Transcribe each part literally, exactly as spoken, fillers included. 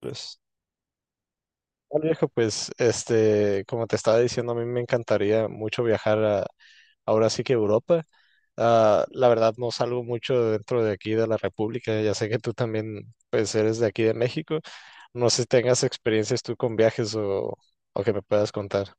Pues, bueno, viejo, pues, este, como te estaba diciendo, a mí me encantaría mucho viajar a, ahora sí que Europa. Ah, la verdad, no salgo mucho dentro de aquí de la República. Ya sé que tú también, pues, eres de aquí de México. No sé si tengas experiencias tú con viajes o, o que me puedas contar.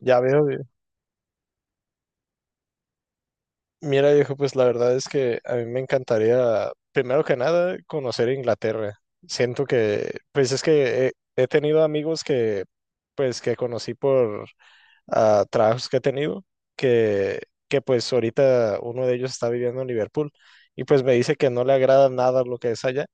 Ya veo. vie- Mira, viejo, pues la verdad es que a mí me encantaría, primero que nada, conocer Inglaterra. Siento que, pues es que he, he tenido amigos que, pues, que conocí por a trabajos que he tenido, que, que, pues ahorita uno de ellos está viviendo en Liverpool y pues me dice que no le agrada nada lo que es allá,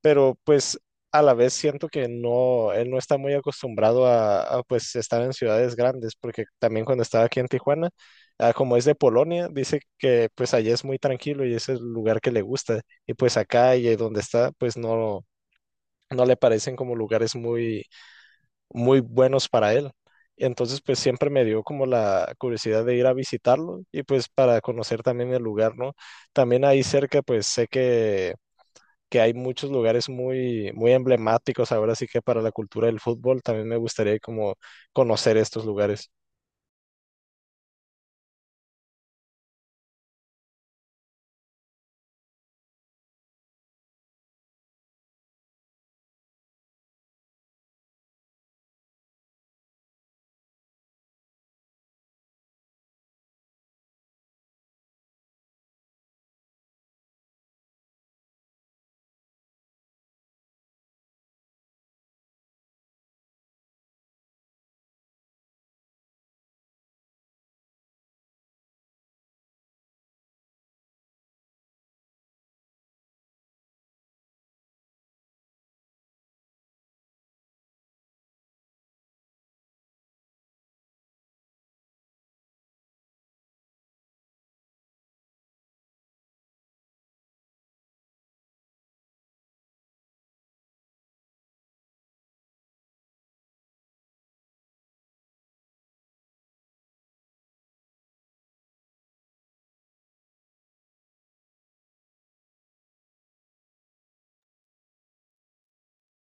pero pues a la vez siento que no, él no está muy acostumbrado a, a, pues estar en ciudades grandes, porque también cuando estaba aquí en Tijuana, ah, como es de Polonia, dice que pues allá es muy tranquilo y ese es el lugar que le gusta, y pues acá y donde está, pues no, no le parecen como lugares muy muy buenos para él. Y entonces pues siempre me dio como la curiosidad de ir a visitarlo y pues para conocer también el lugar, ¿no? También ahí cerca pues sé que, que hay muchos lugares muy, muy emblemáticos, ahora sí que para la cultura del fútbol también me gustaría como conocer estos lugares.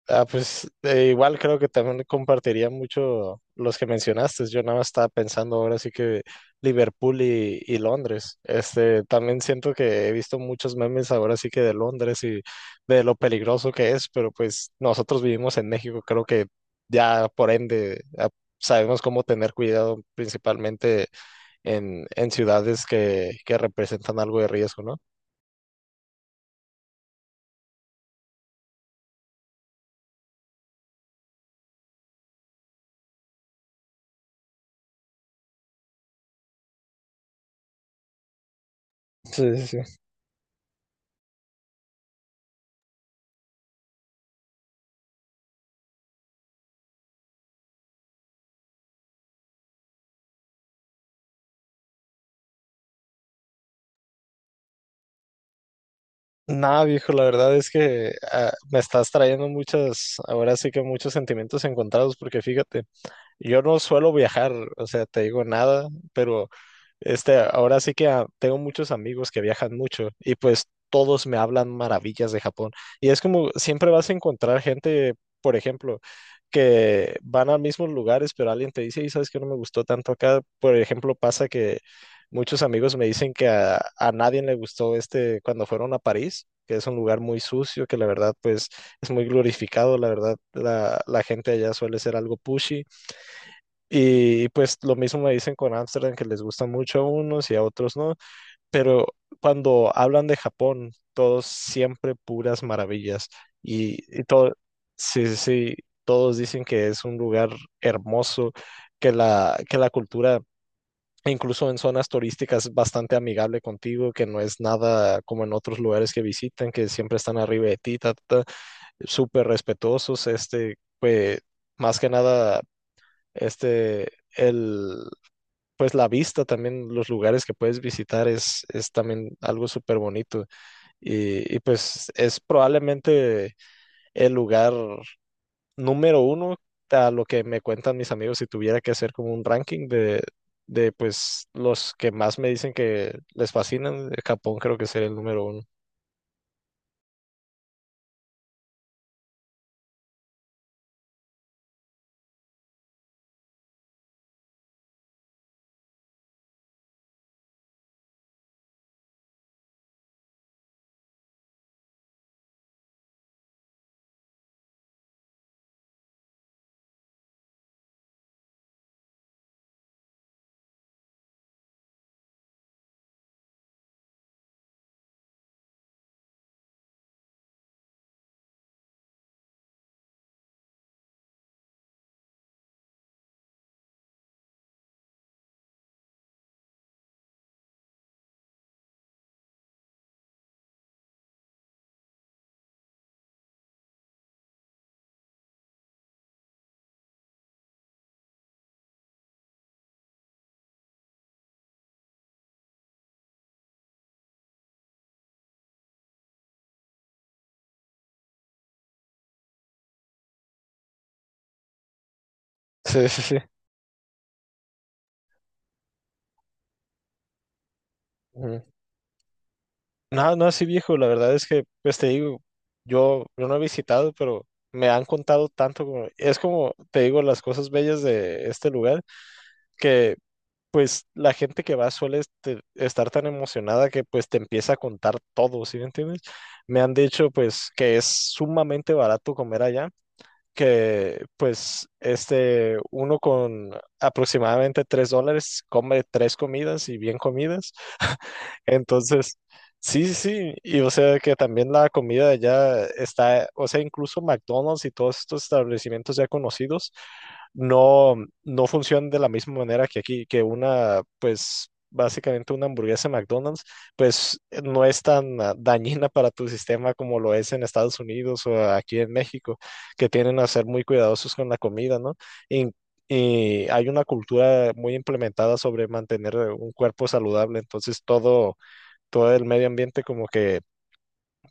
Ah, pues eh, igual creo que también compartiría mucho los que mencionaste. Yo nada más estaba pensando, ahora sí que, Liverpool y, y Londres. Este, también siento que he visto muchos memes, ahora sí que de Londres y de lo peligroso que es, pero pues nosotros vivimos en México, creo que ya por ende ah, sabemos cómo tener cuidado, principalmente en, en ciudades que, que, representan algo de riesgo, ¿no? Sí, sí, sí. Nada, viejo, la verdad es que ah, me estás trayendo muchas, ahora sí que muchos sentimientos encontrados, porque fíjate, yo no suelo viajar, o sea, te digo, nada, pero este, ahora sí que ah, tengo muchos amigos que viajan mucho y pues todos me hablan maravillas de Japón. Y es como siempre vas a encontrar gente, por ejemplo, que van a mismos lugares, pero alguien te dice, ¿y sabes que no me gustó tanto acá. Por ejemplo, pasa que muchos amigos me dicen que a, a nadie le gustó este cuando fueron a París, que es un lugar muy sucio, que la verdad pues es muy glorificado, la verdad la, la gente allá suele ser algo pushy, y pues lo mismo me dicen con Ámsterdam, que les gusta mucho a unos y a otros no, pero cuando hablan de Japón, todos siempre puras maravillas. Y, y todo, sí, sí, sí, todos dicen que es un lugar hermoso, que la, que la cultura, incluso en zonas turísticas, es bastante amigable contigo, que no es nada como en otros lugares que visitan, que siempre están arriba de ti, ta, ta, ta, súper respetuosos, este, pues, más que nada, este, el pues la vista también, los lugares que puedes visitar es, es también algo súper bonito. Y, y pues es probablemente el lugar número uno, a lo que me cuentan mis amigos, si tuviera que hacer como un ranking de, de pues los que más me dicen que les fascinan, eh, Japón creo que sería el número uno. Sí, sí, sí. Ujú. No, no, sí, viejo, la verdad es que, pues te digo, yo, yo no he visitado, pero me han contado tanto como, es como, te digo, las cosas bellas de este lugar, que pues la gente que va suele este- estar tan emocionada que pues te empieza a contar todo, ¿sí me entiendes? Me han dicho pues que es sumamente barato comer allá, que pues este uno con aproximadamente tres dólares come tres comidas y bien comidas. Entonces, sí, sí, y o sea que también la comida de allá está, o sea, incluso McDonald's y todos estos establecimientos ya conocidos no, no funcionan de la misma manera que aquí, que una, pues, básicamente una hamburguesa de McDonald's pues no es tan ah, dañina para tu sistema como lo es en Estados Unidos o aquí en México, que tienen a ser muy cuidadosos con la comida, ¿no? In- y hay una cultura muy implementada sobre mantener un cuerpo saludable, entonces todo, todo el medio ambiente como que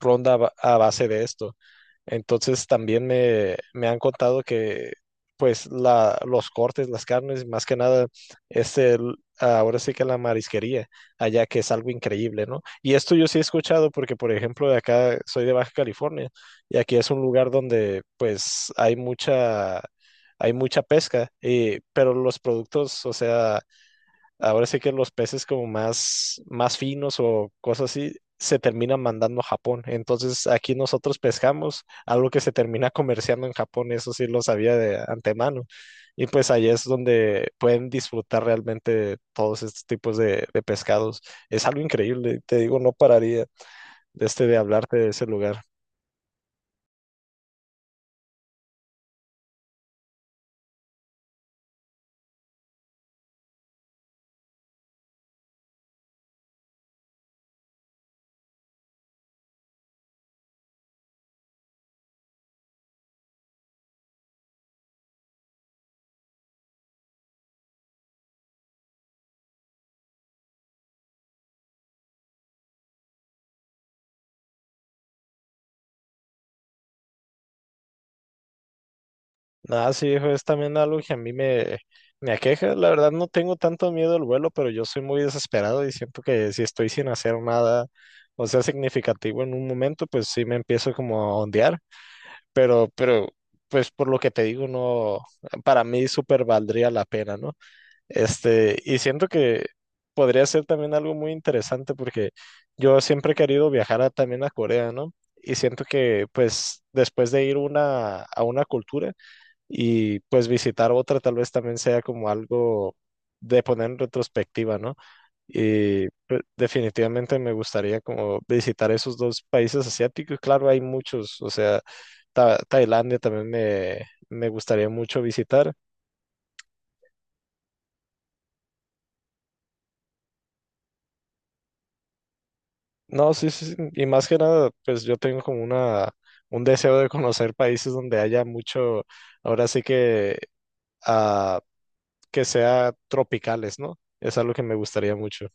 ronda a ba- a base de esto. Entonces también me, me han contado que pues la, los cortes, las carnes, más que nada, es el, ahora sí que la marisquería allá, que es algo increíble, ¿no? Y esto yo sí he escuchado porque, por ejemplo, de acá soy de Baja California y aquí es un lugar donde pues hay mucha, hay mucha pesca, y, pero los productos, o sea, ahora sí que los peces como más, más finos o cosas así se terminan mandando a Japón. Entonces aquí nosotros pescamos algo que se termina comerciando en Japón, eso sí lo sabía de antemano. Y pues ahí es donde pueden disfrutar realmente todos estos tipos de, de, pescados. Es algo increíble, te digo, no pararía de, este, de hablarte de ese lugar. Nada, sí, hijo, es también algo que a mí me, me aqueja. La verdad, no tengo tanto miedo al vuelo, pero yo soy muy desesperado y siento que si estoy sin hacer nada, o sea, significativo en un momento, pues sí me empiezo como a ondear. Pero, pero, pues por lo que te digo, no, para mí súper valdría la pena, ¿no? Este, y siento que podría ser también algo muy interesante porque yo siempre he querido viajar a- también a Corea, ¿no? Y siento que, pues, después de ir una, a una cultura, y pues visitar otra, tal vez también sea como algo de poner en retrospectiva, ¿no? Y pues, definitivamente me gustaría como visitar esos dos países asiáticos. Claro, hay muchos, o sea, Ta- Tailandia también me, me gustaría mucho visitar. No, sí, sí, sí, y más que nada, pues yo tengo como una, un deseo de conocer países donde haya mucho, ahora sí que, ah, que sea tropicales, ¿no? Es algo que me gustaría mucho.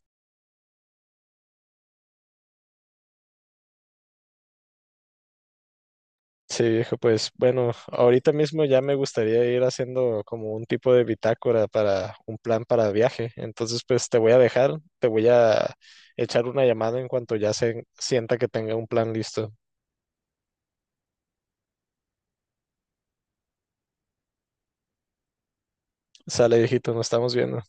Sí, viejo, pues bueno, ahorita mismo ya me gustaría ir haciendo como un tipo de bitácora para un plan para viaje. Entonces, pues te voy a dejar, te voy a echar una llamada en cuanto ya se sienta que tenga un plan listo. Sale, viejito, nos estamos viendo.